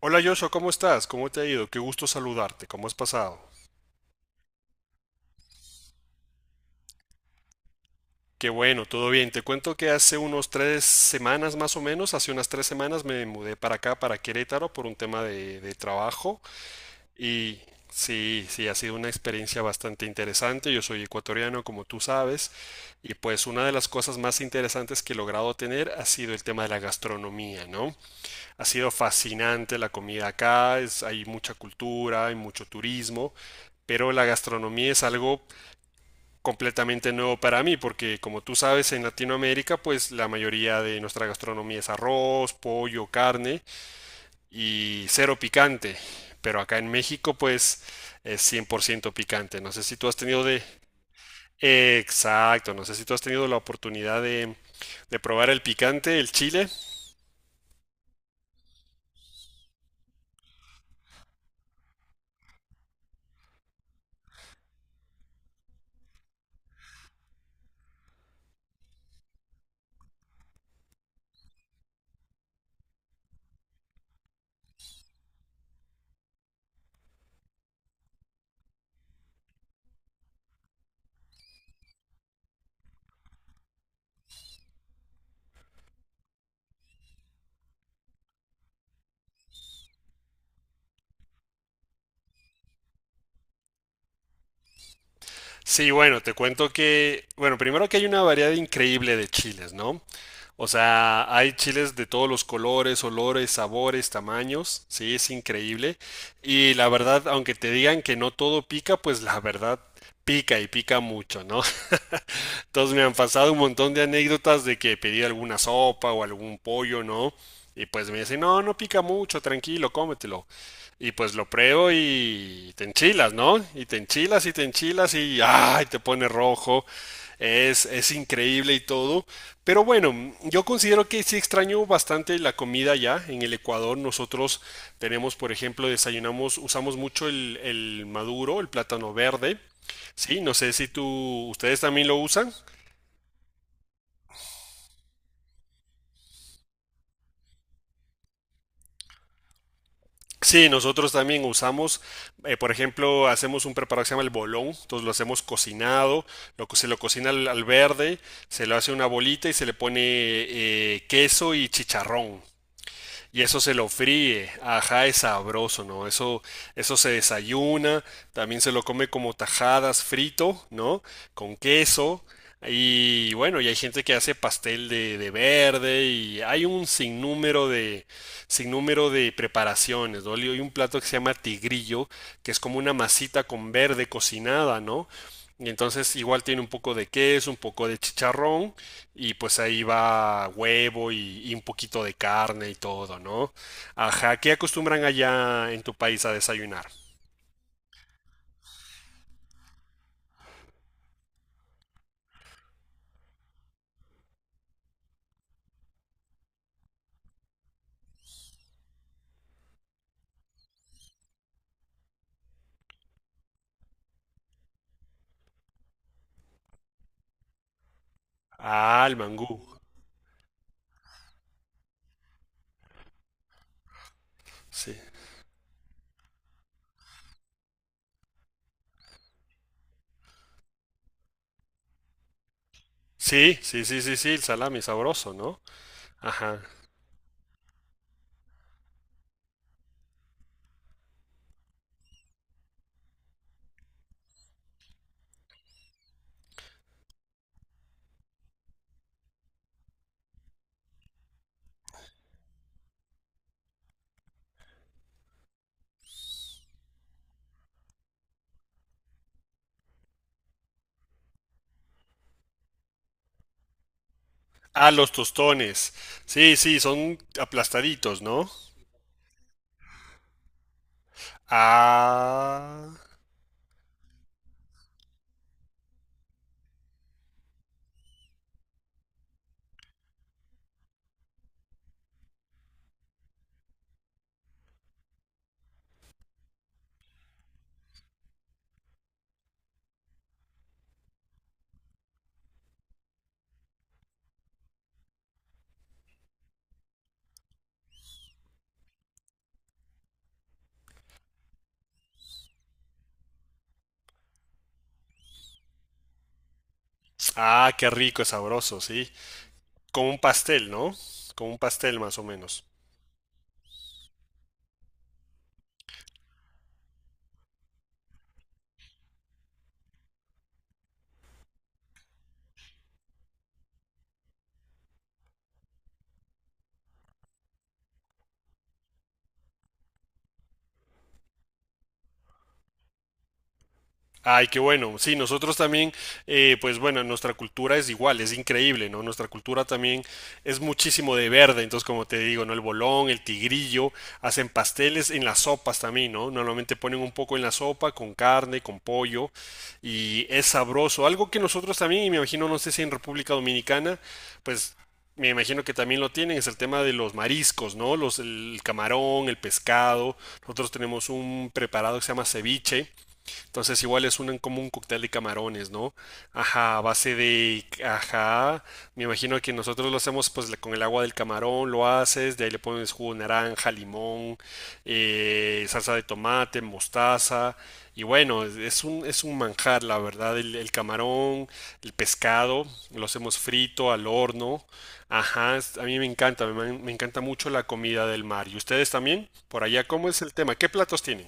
Hola Joshua, ¿cómo estás? ¿Cómo te ha ido? Qué gusto saludarte. ¿Cómo has pasado? Qué bueno, todo bien. Te cuento que hace unos 3 semanas más o menos, hace unas 3 semanas me mudé para acá, para Querétaro, por un tema de trabajo. Y sí, sí, ha sido una experiencia bastante interesante. Yo soy ecuatoriano, como tú sabes. Y pues una de las cosas más interesantes que he logrado tener ha sido el tema de la gastronomía, ¿no? Ha sido fascinante la comida acá, hay mucha cultura, hay mucho turismo, pero la gastronomía es algo completamente nuevo para mí, porque como tú sabes, en Latinoamérica, pues la mayoría de nuestra gastronomía es arroz, pollo, carne y cero picante, pero acá en México, pues es 100% picante. No sé si tú has tenido de... Exacto, no sé si tú has tenido la oportunidad de probar el picante, el chile. Sí, bueno, te cuento que, bueno, primero que hay una variedad increíble de chiles, ¿no? O sea, hay chiles de todos los colores, olores, sabores, tamaños, sí, es increíble. Y la verdad, aunque te digan que no todo pica, pues la verdad pica y pica mucho, ¿no? Entonces me han pasado un montón de anécdotas de que pedí alguna sopa o algún pollo, ¿no? Y pues me dicen, no, no pica mucho, tranquilo, cómetelo. Y pues lo pruebo y te enchilas, ¿no? Y te enchilas y te enchilas y ¡ay! Te pone rojo. Es increíble y todo. Pero bueno, yo considero que sí extraño bastante la comida ya. En el Ecuador nosotros tenemos, por ejemplo, desayunamos, usamos mucho el maduro, el plátano verde. Sí, no sé si tú, ustedes también lo usan. Sí, nosotros también usamos, por ejemplo, hacemos un preparado que se llama el bolón, entonces lo hacemos cocinado, se lo cocina al verde, se lo hace una bolita y se le pone queso y chicharrón y eso se lo fríe. Ajá, es sabroso, ¿no? Eso se desayuna, también se lo come como tajadas frito, ¿no? Con queso. Y bueno, y hay gente que hace pastel de verde y hay un sinnúmero de preparaciones, ¿no? Hay un plato que se llama tigrillo, que es como una masita con verde cocinada, ¿no? Y entonces igual tiene un poco de queso, un poco de chicharrón y pues ahí va huevo y un poquito de carne y todo, ¿no? Ajá, ¿qué acostumbran allá en tu país a desayunar? Ah, el mangú. Sí. Sí, sí, sí, sí, sí, el salami sabroso, ¿no? Ajá. Ah, los tostones. Sí, sí, son aplastaditos, ¿no? Ah. Ah, qué rico, sabroso, sí. Como un pastel, ¿no? Como un pastel más o menos. Ay, qué bueno. Sí, nosotros también, pues bueno, nuestra cultura es igual, es increíble, ¿no? Nuestra cultura también es muchísimo de verde, entonces como te digo, ¿no? El bolón, el tigrillo, hacen pasteles en las sopas también, ¿no? Normalmente ponen un poco en la sopa con carne, con pollo y es sabroso. Algo que nosotros también, y me imagino, no sé si en República Dominicana, pues me imagino que también lo tienen, es el tema de los mariscos, ¿no? Los, el camarón, el pescado. Nosotros tenemos un preparado que se llama ceviche entonces igual es un, como un cóctel de camarones, ¿no? Ajá, a base de... Ajá, me imagino que nosotros lo hacemos pues le- con el agua del camarón, lo haces, de ahí le pones jugo de naranja, limón, salsa de tomate, mostaza. Y bueno, es un manjar, la verdad, el camarón, el pescado, lo hacemos frito, al horno. Ajá, a mí me encanta, me encanta mucho la comida del mar. ¿Y ustedes también? Por allá, ¿cómo es el tema? ¿Qué platos tienen?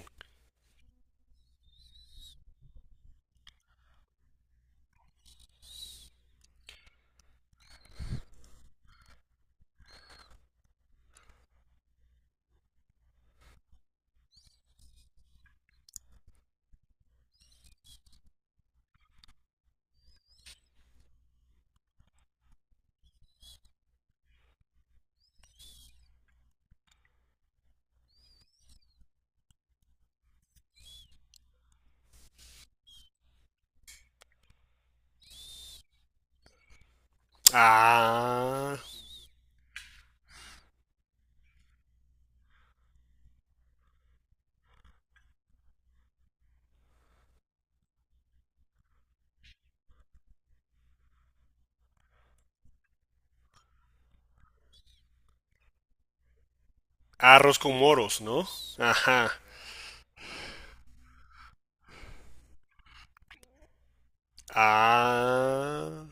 Ah. Arroz con moros, ¿no? Ajá. Ah.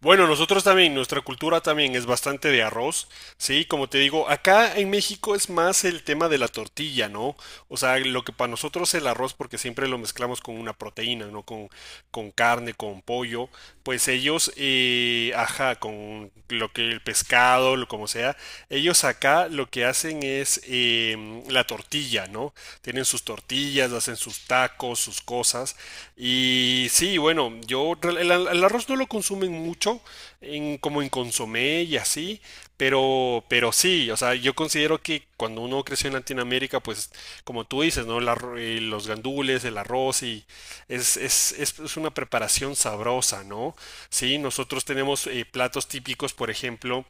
Bueno, nosotros también, nuestra cultura también es bastante de arroz, ¿sí? Como te digo, acá en México es más el tema de la tortilla, ¿no? O sea, lo que para nosotros el arroz, porque siempre lo mezclamos con una proteína, ¿no? Con carne, con pollo, pues ellos, ajá, con lo que el pescado, lo como sea, ellos acá lo que hacen es la tortilla, ¿no? Tienen sus tortillas, hacen sus tacos, sus cosas. Y sí, bueno, yo el arroz no lo consumen mucho, en, como en consomé y así, pero sí, o sea, yo considero que cuando uno creció en Latinoamérica, pues como tú dices, ¿no? Los gandules, el arroz y es una preparación sabrosa, ¿no? Sí, nosotros tenemos platos típicos, por ejemplo,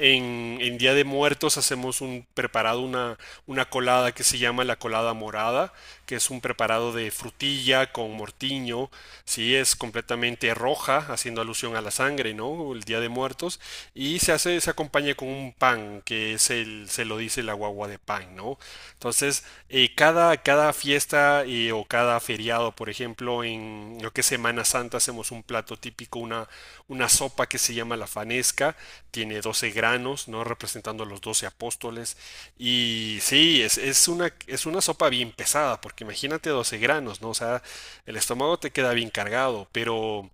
Día de Muertos hacemos un preparado, una colada que se llama la colada morada, que es un preparado de frutilla con mortiño, sí, es completamente roja, haciendo alusión a la sangre, ¿no? El Día de Muertos, y se hace, se acompaña con un pan, que es el, se lo dice la guagua de pan, ¿no? Entonces, cada fiesta o cada feriado, por ejemplo, en lo que es Semana Santa hacemos un plato típico, una sopa que se llama la fanesca, tiene 12 granos, ¿no? Representando a los 12 apóstoles. Y sí, es una sopa bien pesada, porque imagínate 12 granos, ¿no? O sea, el estómago te queda bien cargado, pero...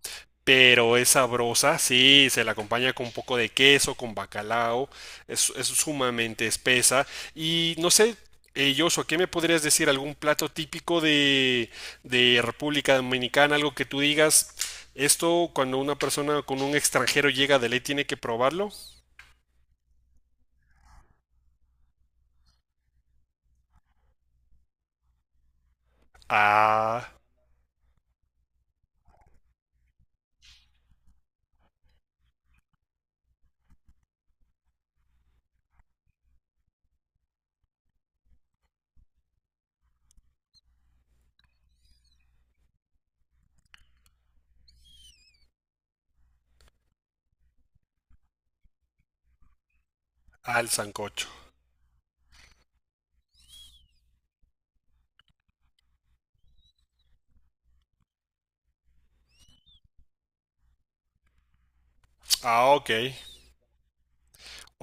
Pero es sabrosa, sí, se la acompaña con un poco de queso, con bacalao, es sumamente espesa. Y no sé, Joshua, ¿qué me podrías decir? ¿Algún plato típico de República Dominicana? Algo que tú digas, esto cuando una persona con un extranjero llega de ley tiene que probarlo. Ah, al sancocho. Ah, ok.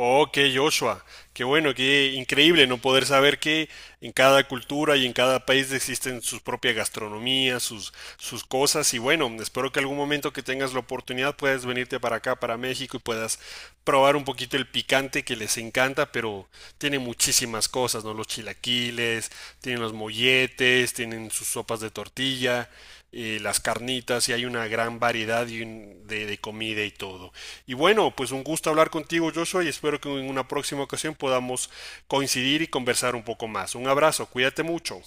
Ok, Joshua, qué bueno, qué increíble no poder saber que en cada cultura y en cada país existen sus propias gastronomías, sus, sus cosas y bueno, espero que algún momento que tengas la oportunidad puedas venirte para acá, para México y puedas probar un poquito el picante que les encanta, pero tiene muchísimas muchísimas cosas, ¿no? Los chilaquiles, tienen los molletes, tienen sus sopas de tortilla, las carnitas, y hay una gran variedad y de comida y todo. Y bueno, pues un gusto hablar contigo, Joshua, y espero que en una próxima ocasión podamos coincidir y conversar un poco más. Un abrazo, cuídate mucho.